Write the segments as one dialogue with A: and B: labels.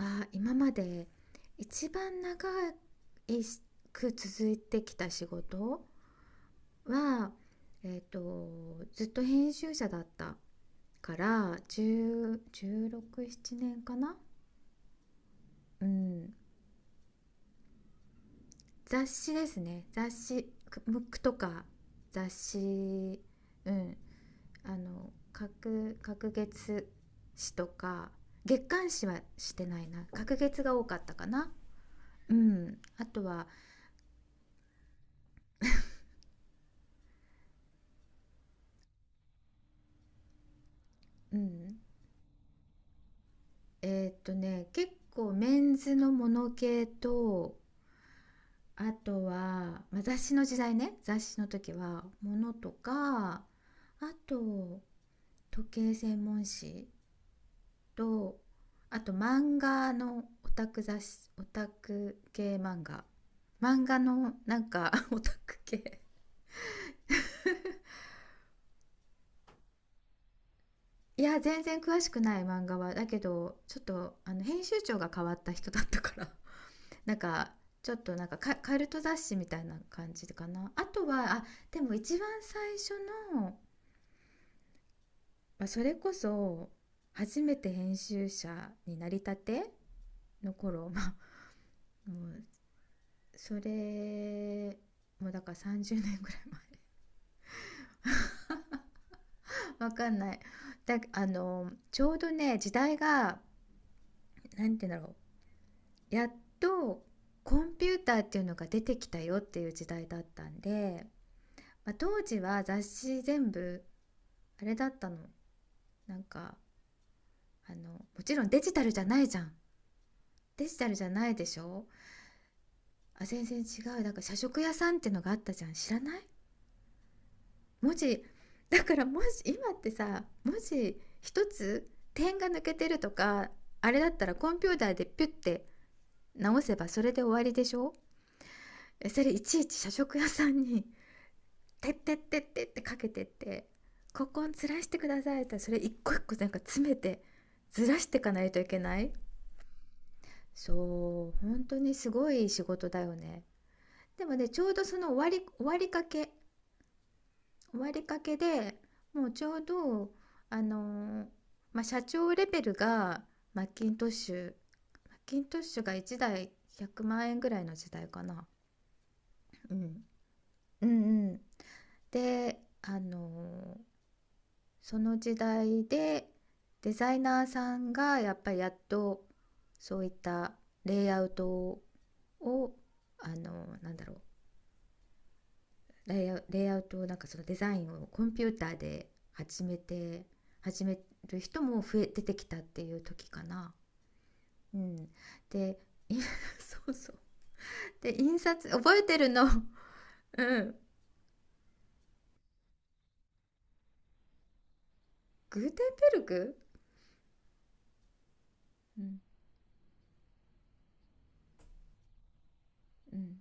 A: 今まで一番長く続いてきた仕事は、えっと、ずっと編集者だったから10 16、7年かな。うん、雑誌ですね。雑誌、ムックとか雑誌、うん、あの各月誌とか月刊誌はしてないな、各月が多かったかな。うん、あとは、うん、結構メンズのモノ系と、あとは、まあ、雑誌の時代ね、雑誌の時は、モノとか、あと、時計専門誌と、あと漫画のオタク雑誌、オタク系漫画。漫画のなんか オタク系。いや、全然詳しくない漫画は。だけど、ちょっと、あの、編集長が変わった人だったから、なんかちょっとなんかカカルト雑誌みたいな感じかな。あとは、あ、でも一番最初の、まあ、それこそ初めて編集者になりたての頃 まあ、もうそれ、もうだから30年ぐらい前 わかんないだ。あのちょうどね、時代が、なんて言うんだろう、やっとコンピューターっていうのが出てきたよっていう時代だったんで、まあ、当時は雑誌全部あれだったの、なんか、あのもちろんデジタルじゃないじゃん。デジタルじゃないでしょ。全然違う。だから社食屋さんってのがあったじゃん、知らない？文字だからもし今ってさ、文字一つ点が抜けてるとか、あれだったらコンピューターでピュッて直せばそれで終わりでしょ。それいちいち社食屋さんに「てってってって」ってかけてって「ここをずらしてください」って、それ一個一個なんか詰めてずらしていかないといけない。そう、本当にすごい仕事だよね。でもね、ちょうどその終わり、終わりかけで、もうちょうど、あのーまあ、社長レベルが、マッキントッシュ、マッキントッシュが1台100万円ぐらいの時代かな。うん、うんうん。で、その時代でデザイナーさんがやっぱりやっとそういったレイアウトを、なんだろう、レイアウトを、なんかそのデザインをコンピューターで始める人も増え出てきたっていう時かな。うん、で そうそう。で、印刷覚えてるの うん。グーテンベルグ、うんうん、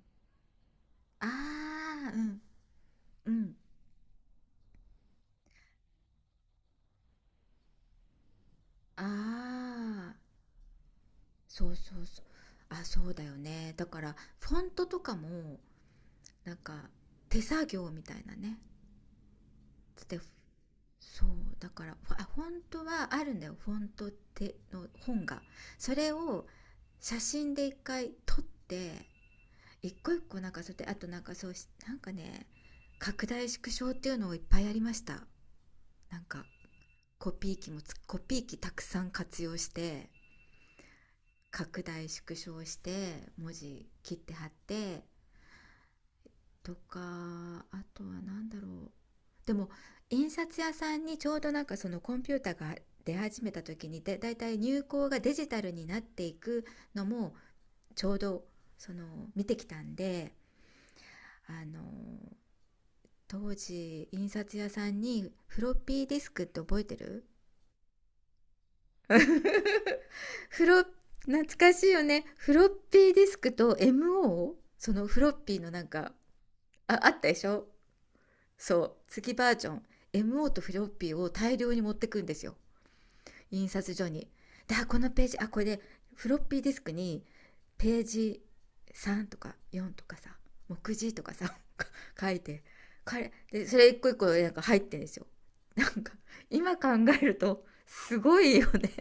A: あーうんうん、あーそうそうそう。あ、そうだよね。だからフォントとかも、なんか手作業みたいなね。で、そうだから、あ、フォントはあるんだよ、フォントっての、本が。それを写真で一回撮って、一個一個なんかそうやって、あとなんかそうし、なんかね、拡大縮小っていうのをいっぱいやりました。なんかコピー機たくさん活用して、拡大縮小して文字切って貼ってとか、あとは何だろう。でも印刷屋さんにちょうどなんかそのコンピューターが出始めた時に、でだいたい入稿がデジタルになっていくのも、ちょうどその見てきたんで、あの、当時印刷屋さんにフロッピーディスクって覚えてる？フロ懐かしいよね、フロッピーディスクと MO。 そのフロッピーのなんか、あったでしょ。そう、月バージョン。 MO とフロッピーを大量に持ってくんですよ、印刷所に。で、このページ、これで、フロッピーディスクにページ3とか4とかさ、目次とかさ 書いて、これでそれ一個一個なんか入ってるんですよ。なんか今考えるとすごいよね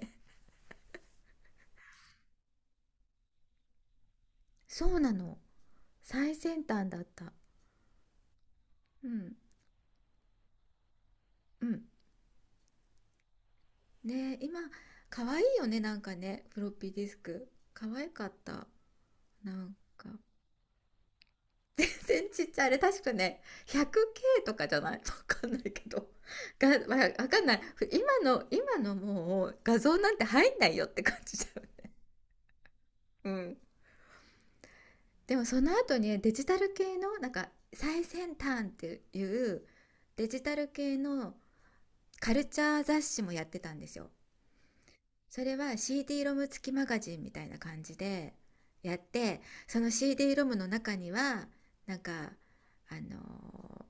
A: そうなの、最先端だった。うんうん。ね、今可愛いよね、なんかね、フロッピーディスク可愛かった。なんか全然ちっちゃい。あれ確かね、100K とかじゃない わかんないけど。が、わかんない。今のもう画像なんて入んないよって感じだよね。うん。でもその後にね、デジタル系の、なんか最先端っていうデジタル系のカルチャー雑誌もやってたんですよ。それは CD ロム付きマガジンみたいな感じでやって、その CD ロムの中には、なんか、あのー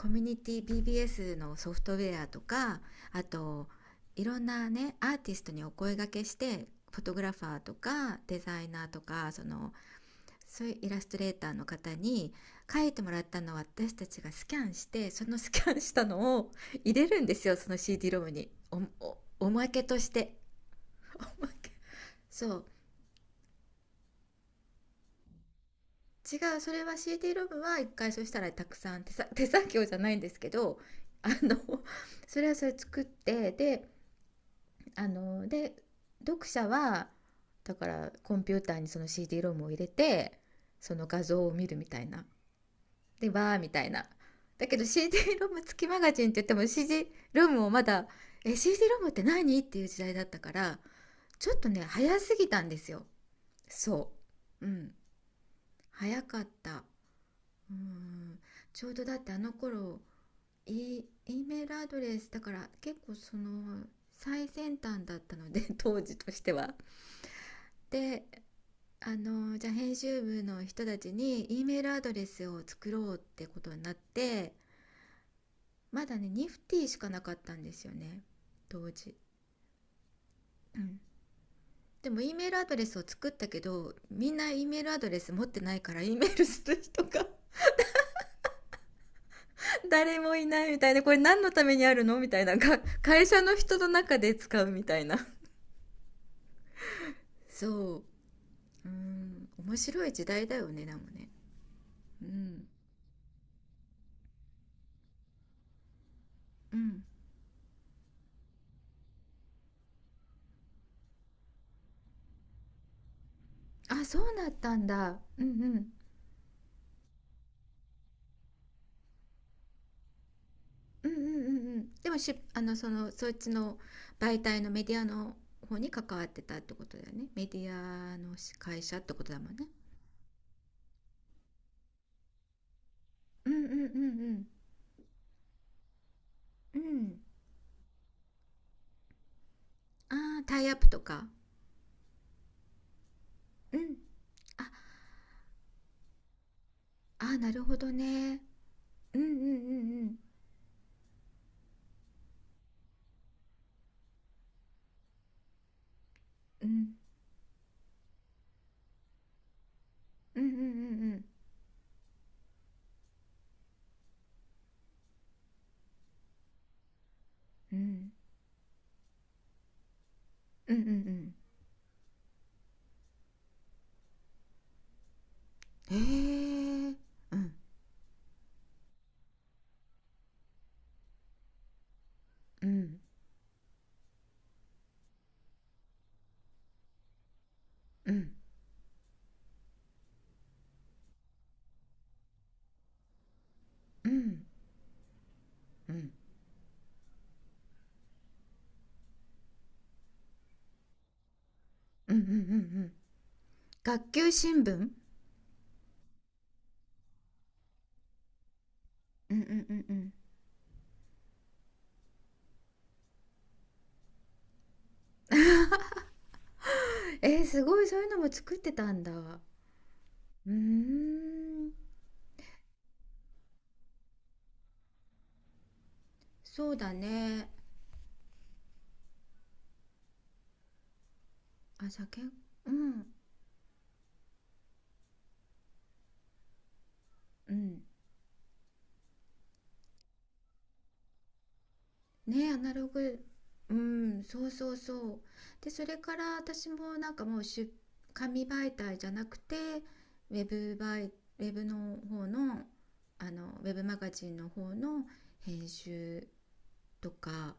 A: コミュニティ BBS のソフトウェアとか、あと、いろんなねアーティストにお声掛けして、フォトグラファーとかデザイナーとか、そういうイラストレーターの方に書いてもらったのを私たちがスキャンして、そのスキャンしたのを入れるんですよ、その CD ロムに。おまけとして おまけ。そう、違う、それは CD ロムは一回そしたらたくさん、手作業じゃないんですけど、あの、それ作って、で、あの、で、読者は、だからコンピューターにその CD ロムを入れて、その画像を見るみたいな、でわーみたいな。だけど CD ロム付きマガジンって言っても、 CD ロムをまだ、え、 CD ロムって何っていう時代だったから、ちょっとね早すぎたんですよ、そう、うん早かった。うん、ちょうどだってあの頃、 E メールアドレスだから、結構その最先端だったので 当時としては。で、あの、じゃあ編集部の人たちに E メールアドレスを作ろうってことになって、まだねニフティしかなかったんですよね当時。うん、でも E メールアドレスを作ったけど、みんな E メールアドレス持ってないから E メールする人が 誰もいないみたいな、これ何のためにあるのみたいな、会社の人の中で使うみたいな。そう、うん、面白い時代だよね、でもね。うんうん、あ、そうなったんだ。うんうんうんうんうんうん。でもし、あの、そっちの媒体のメディアの方に関わってたってことだよね。メディアの、会社ってことだもんね。うんうんうんうんうん、あ、あータイアップとか、うん、あ、あーなるほどね。うんうんうんうんうんうんうんうんうんうんうんうんうん、へえ、うんうんうんうんうんうんうんうんうん、学級新聞、うんうんうんうん、すごい、そういうのも作ってたんだ。うーん、そうだね。あ、じゃあけ、うん、うん。ね、アナログ、うん、そうそうそう。で、それから私もなんかもう紙媒体じゃなくて、ウェブ媒、ウェブの方の、あの、ウェブマガジンの方の編集とか、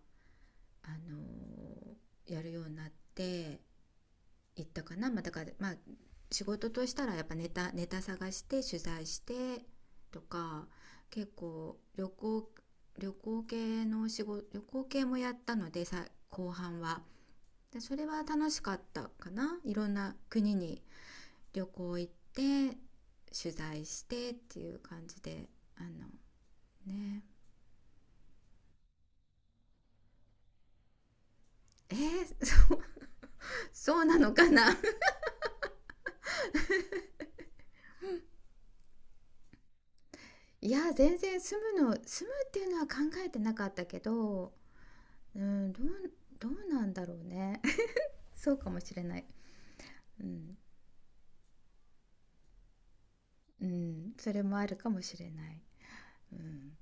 A: あの、やるようになって行ったかな。まあ、だからまあ仕事としたら、やっぱネタ探して取材してとか、結構旅行系の仕事、旅行系もやったのでさ、後半は。でそれは楽しかったかな。いろんな国に旅行行って取材してっていう感じで、あのね。えー、そう、そうなのかな。いや、全然住むっていうのは考えてなかったけど。うん、どうなんだろうね そうかもしれない。うん、うん、それもあるかもしれない、うん、